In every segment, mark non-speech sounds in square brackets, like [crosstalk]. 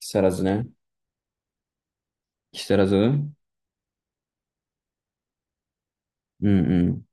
木更津ね。木更津。うんうん。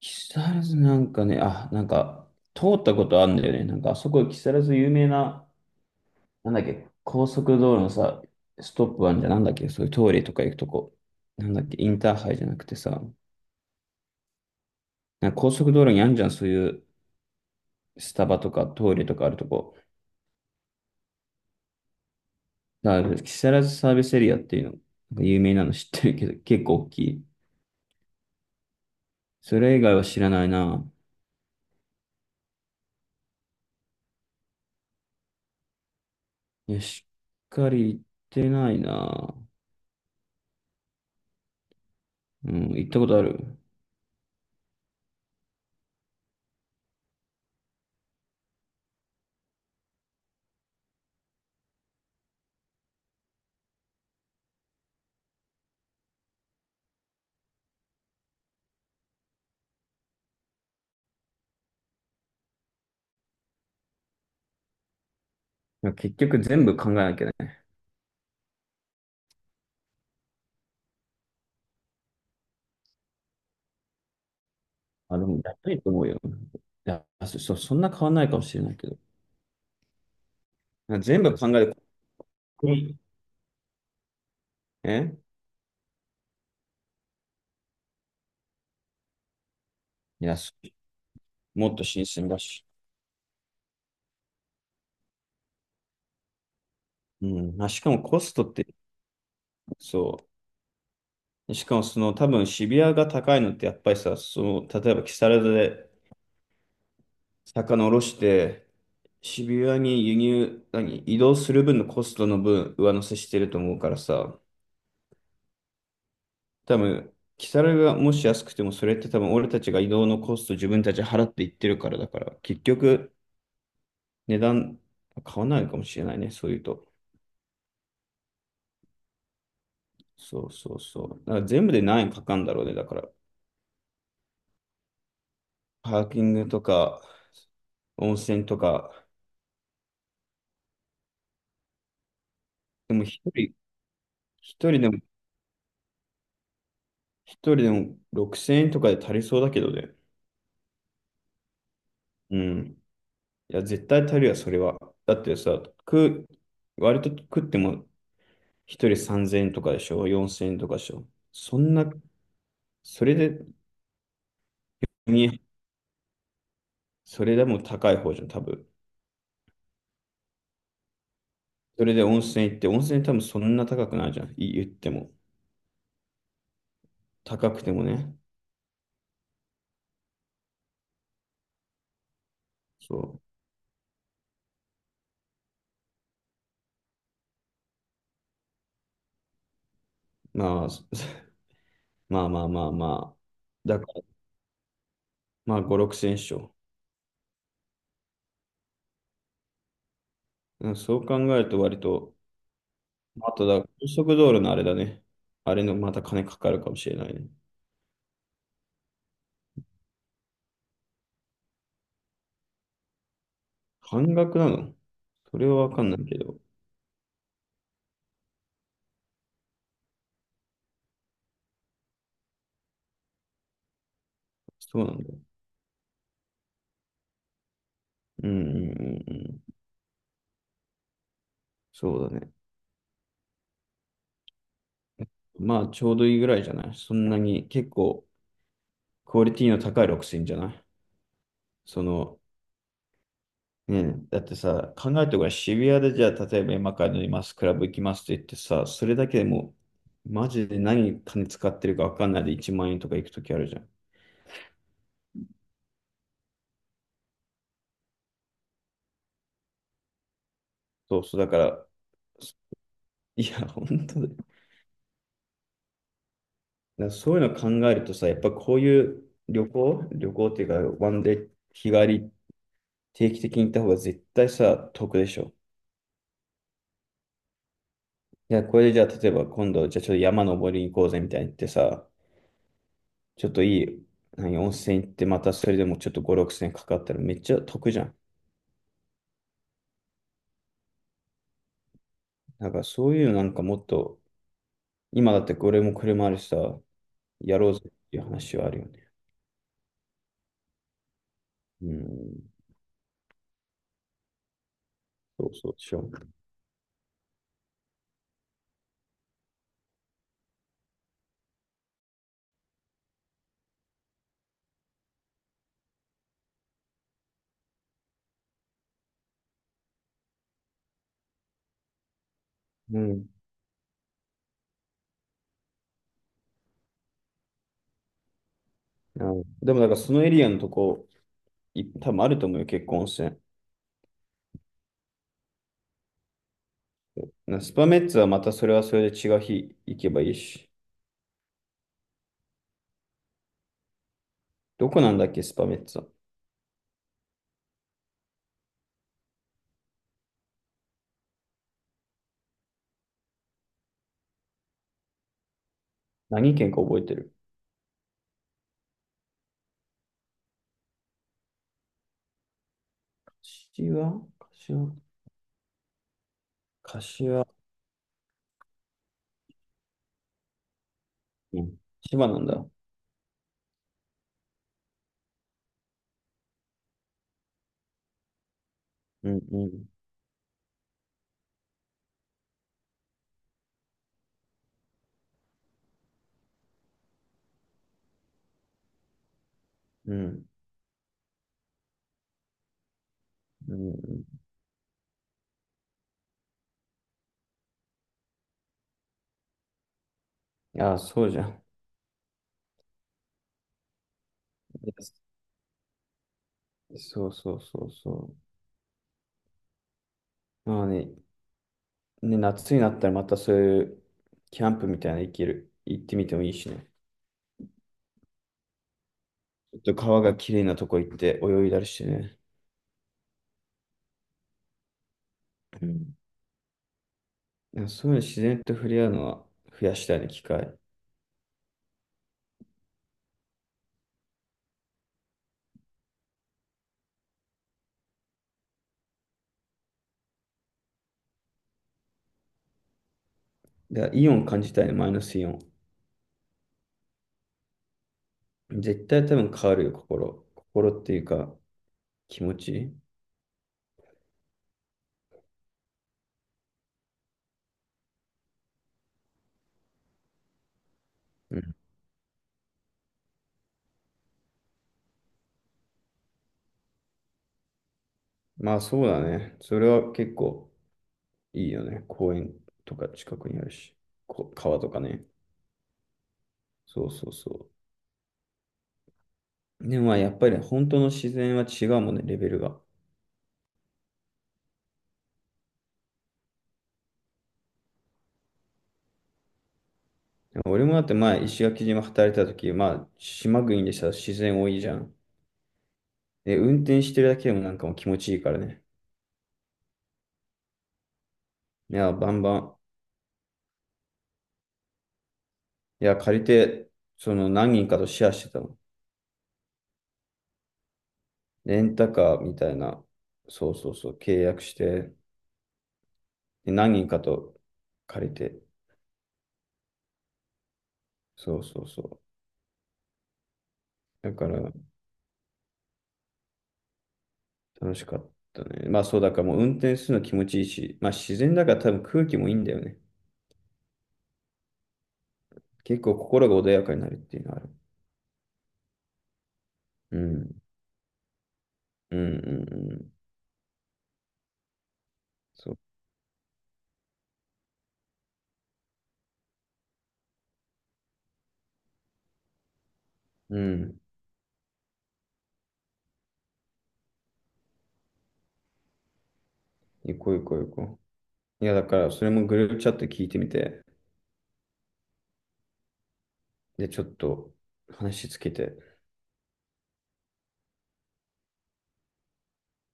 木更津なんかね、あ、なんか、通ったことあるんだよね。なんか、あそこ、木更津有名な、なんだっけ、高速道路のさ、ストップあんじゃん。なんだっけ、そういう通りとか行くとこ。なんだっけ、インターハイじゃなくてさ、なんか高速道路にあんじゃん、そういうスタバとか通りとかあるとこ。だから木更津サービスエリアっていうの、なんか有名なの [laughs] 知ってるけど、結構大きい。それ以外は知らないな。いや、しっかり行ってないな。うん、行ったことある。結局全部考えなきゃいけない。あ、でも、やっぱりと思うよ。いや、そんな変わんないかもしれないけど。全部考えて、ここにえ安いもっと新鮮だし。うん。まあ、しかもコストって、そう。しかもその多分渋谷が高いのってやっぱりさ、その、例えば木更津で魚下ろして、渋谷に輸入、何、移動する分のコストの分上乗せしてると思うからさ、多分、キサラがもし安くても、それって多分俺たちが移動のコスト自分たち払っていってるからだから、結局値段買わないかもしれないね、そういうと。そうそうそう。だから全部で何円かかるんだろうね、だから。パーキングとか、温泉とか、でも一人でも、一人でも6000円とかで足りそうだけどね。うん。いや、絶対足りるわ、それは。だってさ、割と食っても一人3000円とかでしょ、4000円とかでしょ。そんなそれで、にそれでも高い方じゃん、多分。それで温泉行って、温泉多分そんな高くないじゃん、言っても。高くてもね。そう。まあ、[laughs] まあまあまあまあ。だから、まあ5、6千勝。うんそう考えると割と、あとだ、高速道路のあれだね。あれのまた金かかるかもしれないね。半額なの？それはわかんないけど。そうなんだよ。うんうんうんうん。そうだね。まあちょうどいいぐらいじゃない？そんなに結構、クオリティの高いロックスいいんじゃない？その、ね、だってさ、考えてごらん、渋谷でじゃあ、例えば今から乗ります、クラブ行きますって言ってさ、それだけでもう、マジで何金使ってるか分かんないで1万円とか行くときあるじゃん。そうそう、だから、いや、本当だよ。だからそういうの考えるとさ、やっぱこういう旅行っていうか、ワンデー、日帰り、定期的に行った方が絶対さ、得でしょ。いや、これでじゃあ、例えば今度、じゃあちょっと山登りに行こうぜみたいに言ってさ、ちょっといい、何、温泉行ってまたそれでもちょっと5、6千円かかったらめっちゃ得じゃん。だからそういうのなんかもっと、今だってこれも車あるしさ、やろうぜっていう話はあるよね。うん、そうそうしよう。うん。あのでもだからそのエリアのとこ、多分あると思うよ、結構温泉。スパメッツはまたそれはそれで違う日行けばいいし。どこなんだっけ、スパメッツは。何県か覚えてる？柏、柏、柏。うん。千葉なんだ。うんうん。うん。うん。ああ、そうじゃん。そうそうそうそう。まあね、ね、夏になったらまたそういうキャンプみたいなの行ける、行ってみてもいいしね。ちょっと川が綺麗なとこ行って泳いだりしてね。うん。いやそういうの自然と触れ合うのは増やしたいね、機会。だからイオン感じたいね、マイナスイオン。絶対多分変わるよ、心。心っていうか、気持ち。うん。まあそうだね。それは結構。いいよね。公園とか近くにあるし、川とかね。そうそうそう。でもまあやっぱりね本当の自然は違うもんね、レベルが。俺もだって前、石垣島働いてた時、まあ島国でさ、自然多いじゃん。で、運転してるだけでもなんかもう気持ちいいからね。いや、バンバン。いや、借りて、その何人かとシェアしてたの。レンタカーみたいな、そうそうそう、契約して、で何人かと借りて、そうそうそう。だから、楽しかったね。まあそうだからもう運転するの気持ちいいし、まあ自然だから多分空気もいいんだよね。結構心が穏やかになるっていうのはある。うん。うんうんうん。そう。うん。行こう行こう行こう。いやだからそれもグループチャット聞いてみて、でちょっと話つけて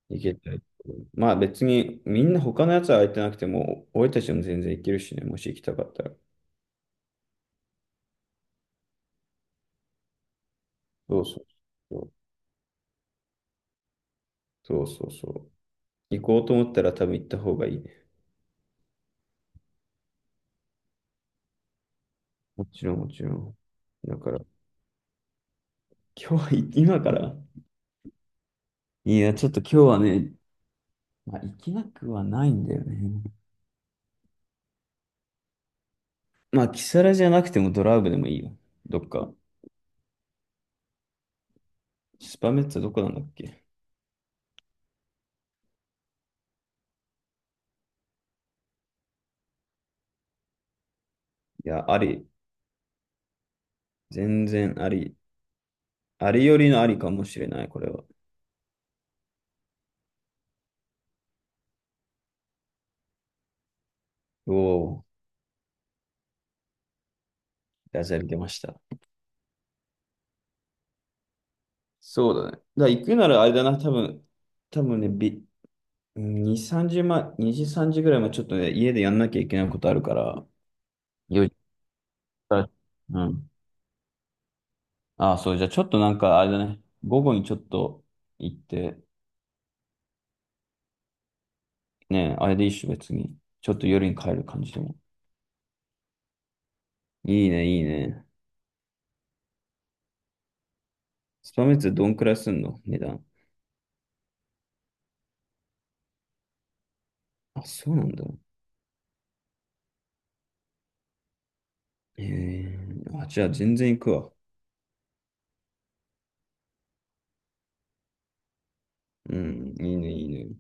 いけたらいいと思う。まあ別にみんな他のやつは空いてなくても、俺たちも全然行けるしね、もし行きたかったら。そうそうそう。そうそうそう。行こうと思ったら多分行った方がいいね。もちろんもちろん。だから今日は、今からいや、ちょっと今日はね、まあ、行きなくはないんだよね。まあ、キサラじゃなくてもドライブでもいいよ。どっか。スパメッツァどこなんだっけ？いや、あり。全然あり。ありよりのありかもしれない、これは。おお、ダジャレ出ました。そうだね。だから行くならあれだな、多分ね、2、3時前、2時、3時ぐらいまでちょっとね、家でやんなきゃいけないことあるから、4時から、うん。ああ、そう、じゃあちょっとなんか、あれだね。午後にちょっと行って、ね、あれでいいっしょ、別に。ちょっと夜に帰る感じでも。いいね、いいね。スパメッツどんくらいすんの、値段？あ、そうなんだ。ええ、あ、じゃあ全然行くわ。うん、いいね、いいね。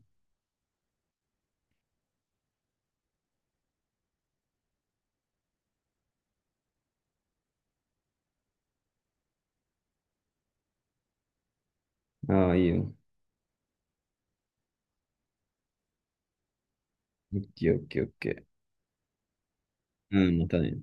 ああ、いいよ。オッケー、オッケー、オッケー。うん、またね。